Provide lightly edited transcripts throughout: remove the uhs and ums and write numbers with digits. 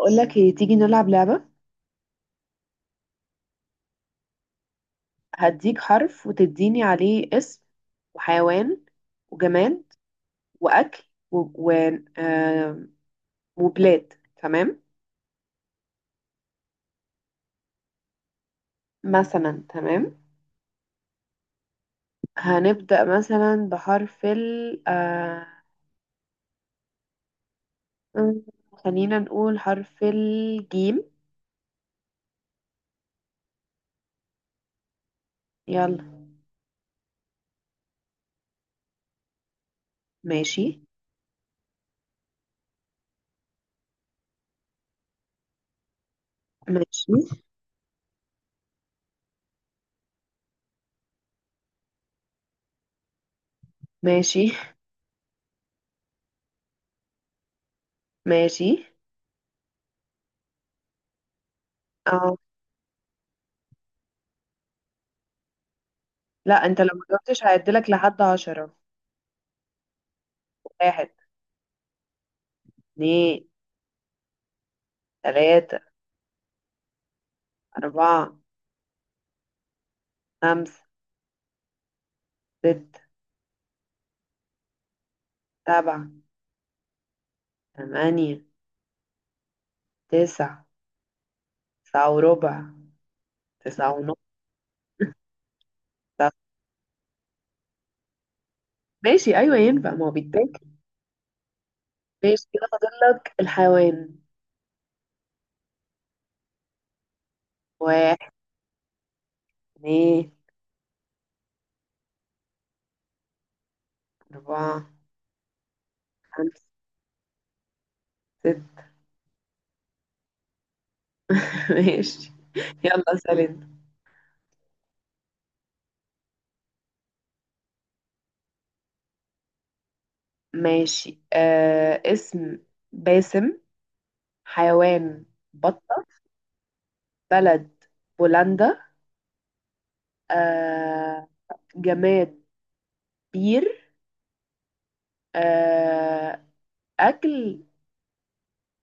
اقول لك ايه؟ تيجي نلعب لعبة. هديك حرف وتديني عليه اسم وحيوان وجماد واكل و... و... آه... وبلاد. تمام. مثلا، تمام. هنبدأ مثلا بحرف ال، م- خلينا نقول حرف الجيم. يلا. ماشي. ماشي. ماشي. ماشي. اه، لا، انت لو ما جاوبتش هعدلك لحد 10. واحد. اتنين. تلاتة. أربعة. خمسة. ستة. سبعة. تمانية. تسعة. تسعة وربع. تسعة ونص. تسعة. ماشي، أيوة ينفع، ما هو بيتاكل. ماشي، كده فاضل لك الحيوان. واحد. اتنين. أربعة. خمسة. ستة. ماشي. يلا سلام. ماشي، اسم، باسم. حيوان، بطة. بلد، بولندا. آه جماد، بير. آه أكل،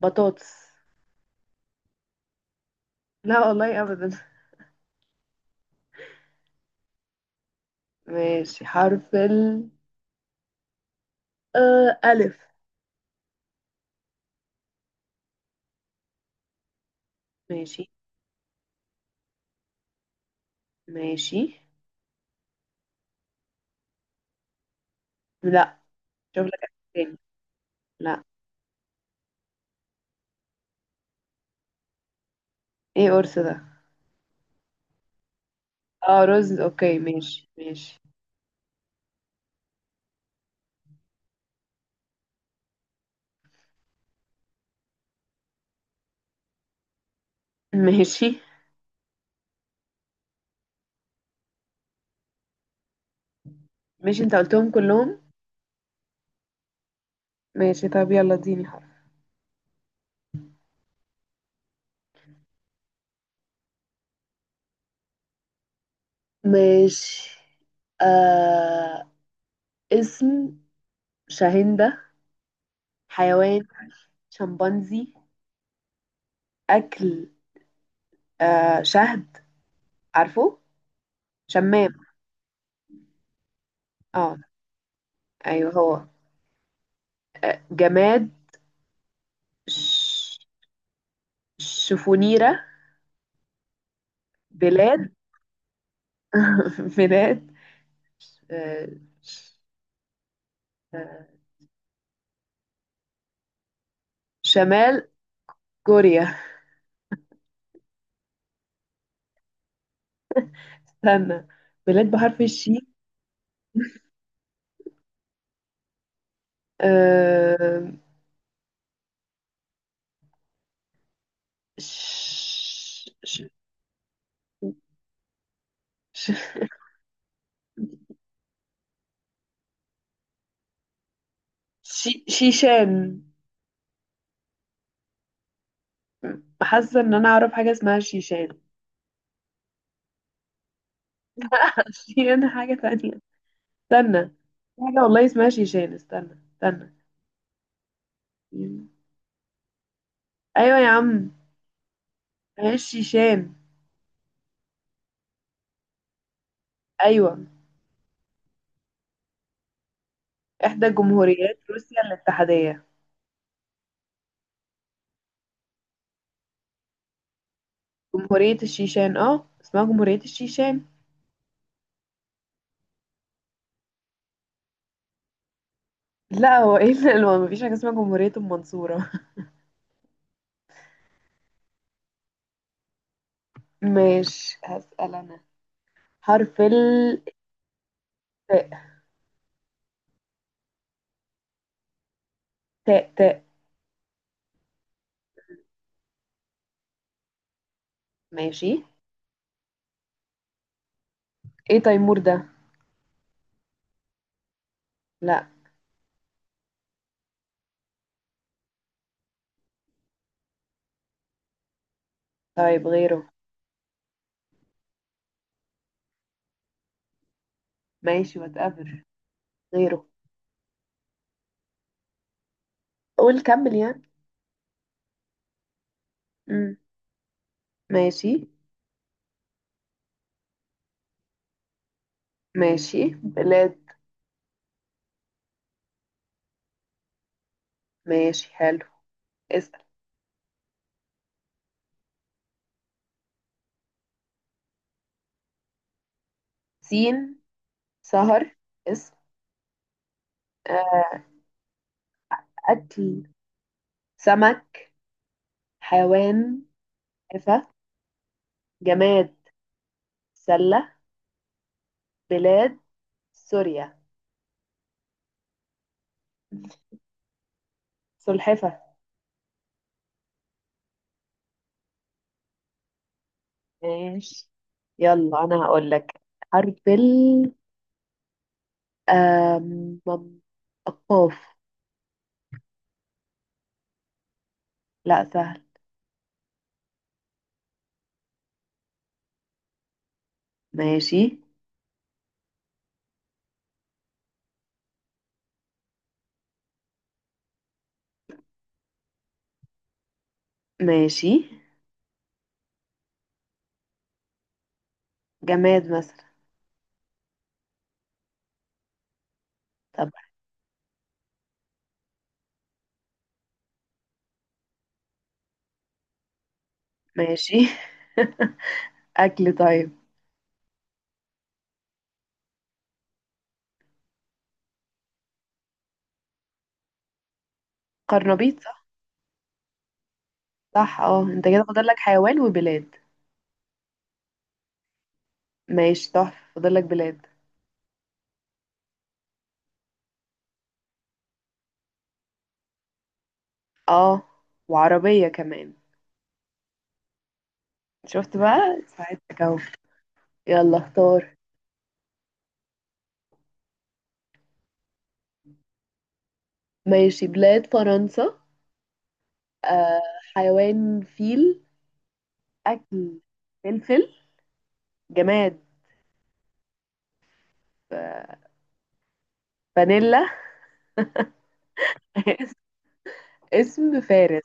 بطاطس. لا والله أبدا. ماشي، حرف ال ألف. ماشي. ماشي. لا، شوف لك ألف تاني. لا. ايه قرص ده؟ اه، رز، اوكي. ماشي. ماشي. ماشي. ماشي، انت قلتهم كلهم. ماشي، طب يلا اديني حرف. ماشي، آه اسم، شاهندة. حيوان، شمبانزي. أكل، شهد. عارفه، شمام. اه. ايوه هو. جماد، ش... شفونيرة. بلاد. بلاد، آه، آه، شمال كوريا. استنى، بلاد بحرف الشين. آه، ش- ش- ش- شيشان. حاسة ان انا اعرف حاجة اسمها شيشان. شيشان حاجة تانية. استنى، في حاجة والله اسمها شيشان. استنى. استنى. ايوه يا عم، هي الشيشان. ايوه، احدى جمهوريات روسيا الاتحادية. جمهورية الشيشان، اه اسمها جمهورية الشيشان. لا، هو ايه اللي؟ ما مفيش حاجة اسمها جمهورية المنصورة. ماشي، هسأل انا. حرف ال تاء. تاء. تاء. ماشي. ايه تيمور ده؟ لا. طيب، غيره. ماشي، واتقبل. غيره، قول كمل يعني. مم. ماشي. ماشي، بلاد. ماشي، حلو. اسأل. سين، سهر، اسم. آه، أكل، سمك. حيوان، حفا. جماد، سلة. بلاد، سوريا. سلحفة. ماشي. يلا انا هقول لك. حرف ال آم، مم- قاف. لا، سهل. ماشي. ماشي، جماد مثلا. طب ماشي. اكل، طيب قرنبيط. صح. صح، اه انت كده فاضل لك حيوان وبلاد. ماشي، تحفة. فاضل لك بلاد. اه، وعربية كمان. شفت بقى؟ ساعدتك اهو. يلا، اختار. ماشي، بلاد، فرنسا. آه حيوان، فيل. اكل، فلفل. جماد، آه، فانيلا. اسم، فارس.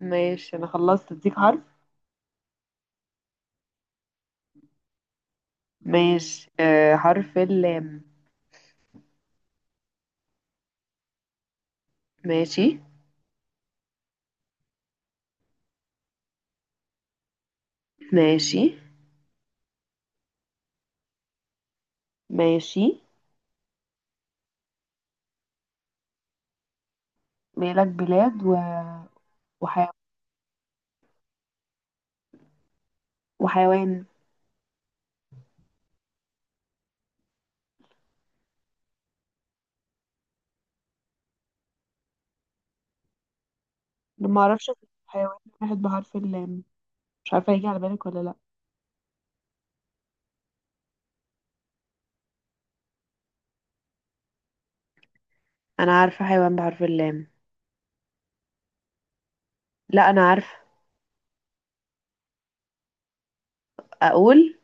ماشي، انا خلصت، اديك حرف. ماشي، حرف اللام. ماشي. ماشي. ماشي، مالك بلاد وحي... وحيوان. ما اعرفش أكتب حيوان واحد بحرف اللام. مش عارفه هيجي على بالك ولا لا. انا عارفه حيوان بحرف اللام. لا، انا عارفه. اقول،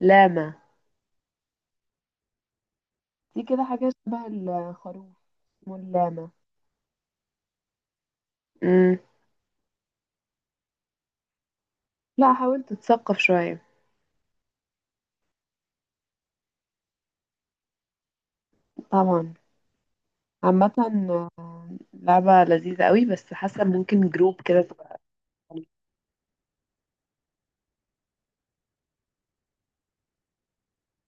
لاما. دي كده حاجه شبه الخروف واللاما. امم لا، حاولت اتثقف شويه. طبعا. عامه، لعبة لذيذة قوي، بس حاسة ممكن جروب كده تبقى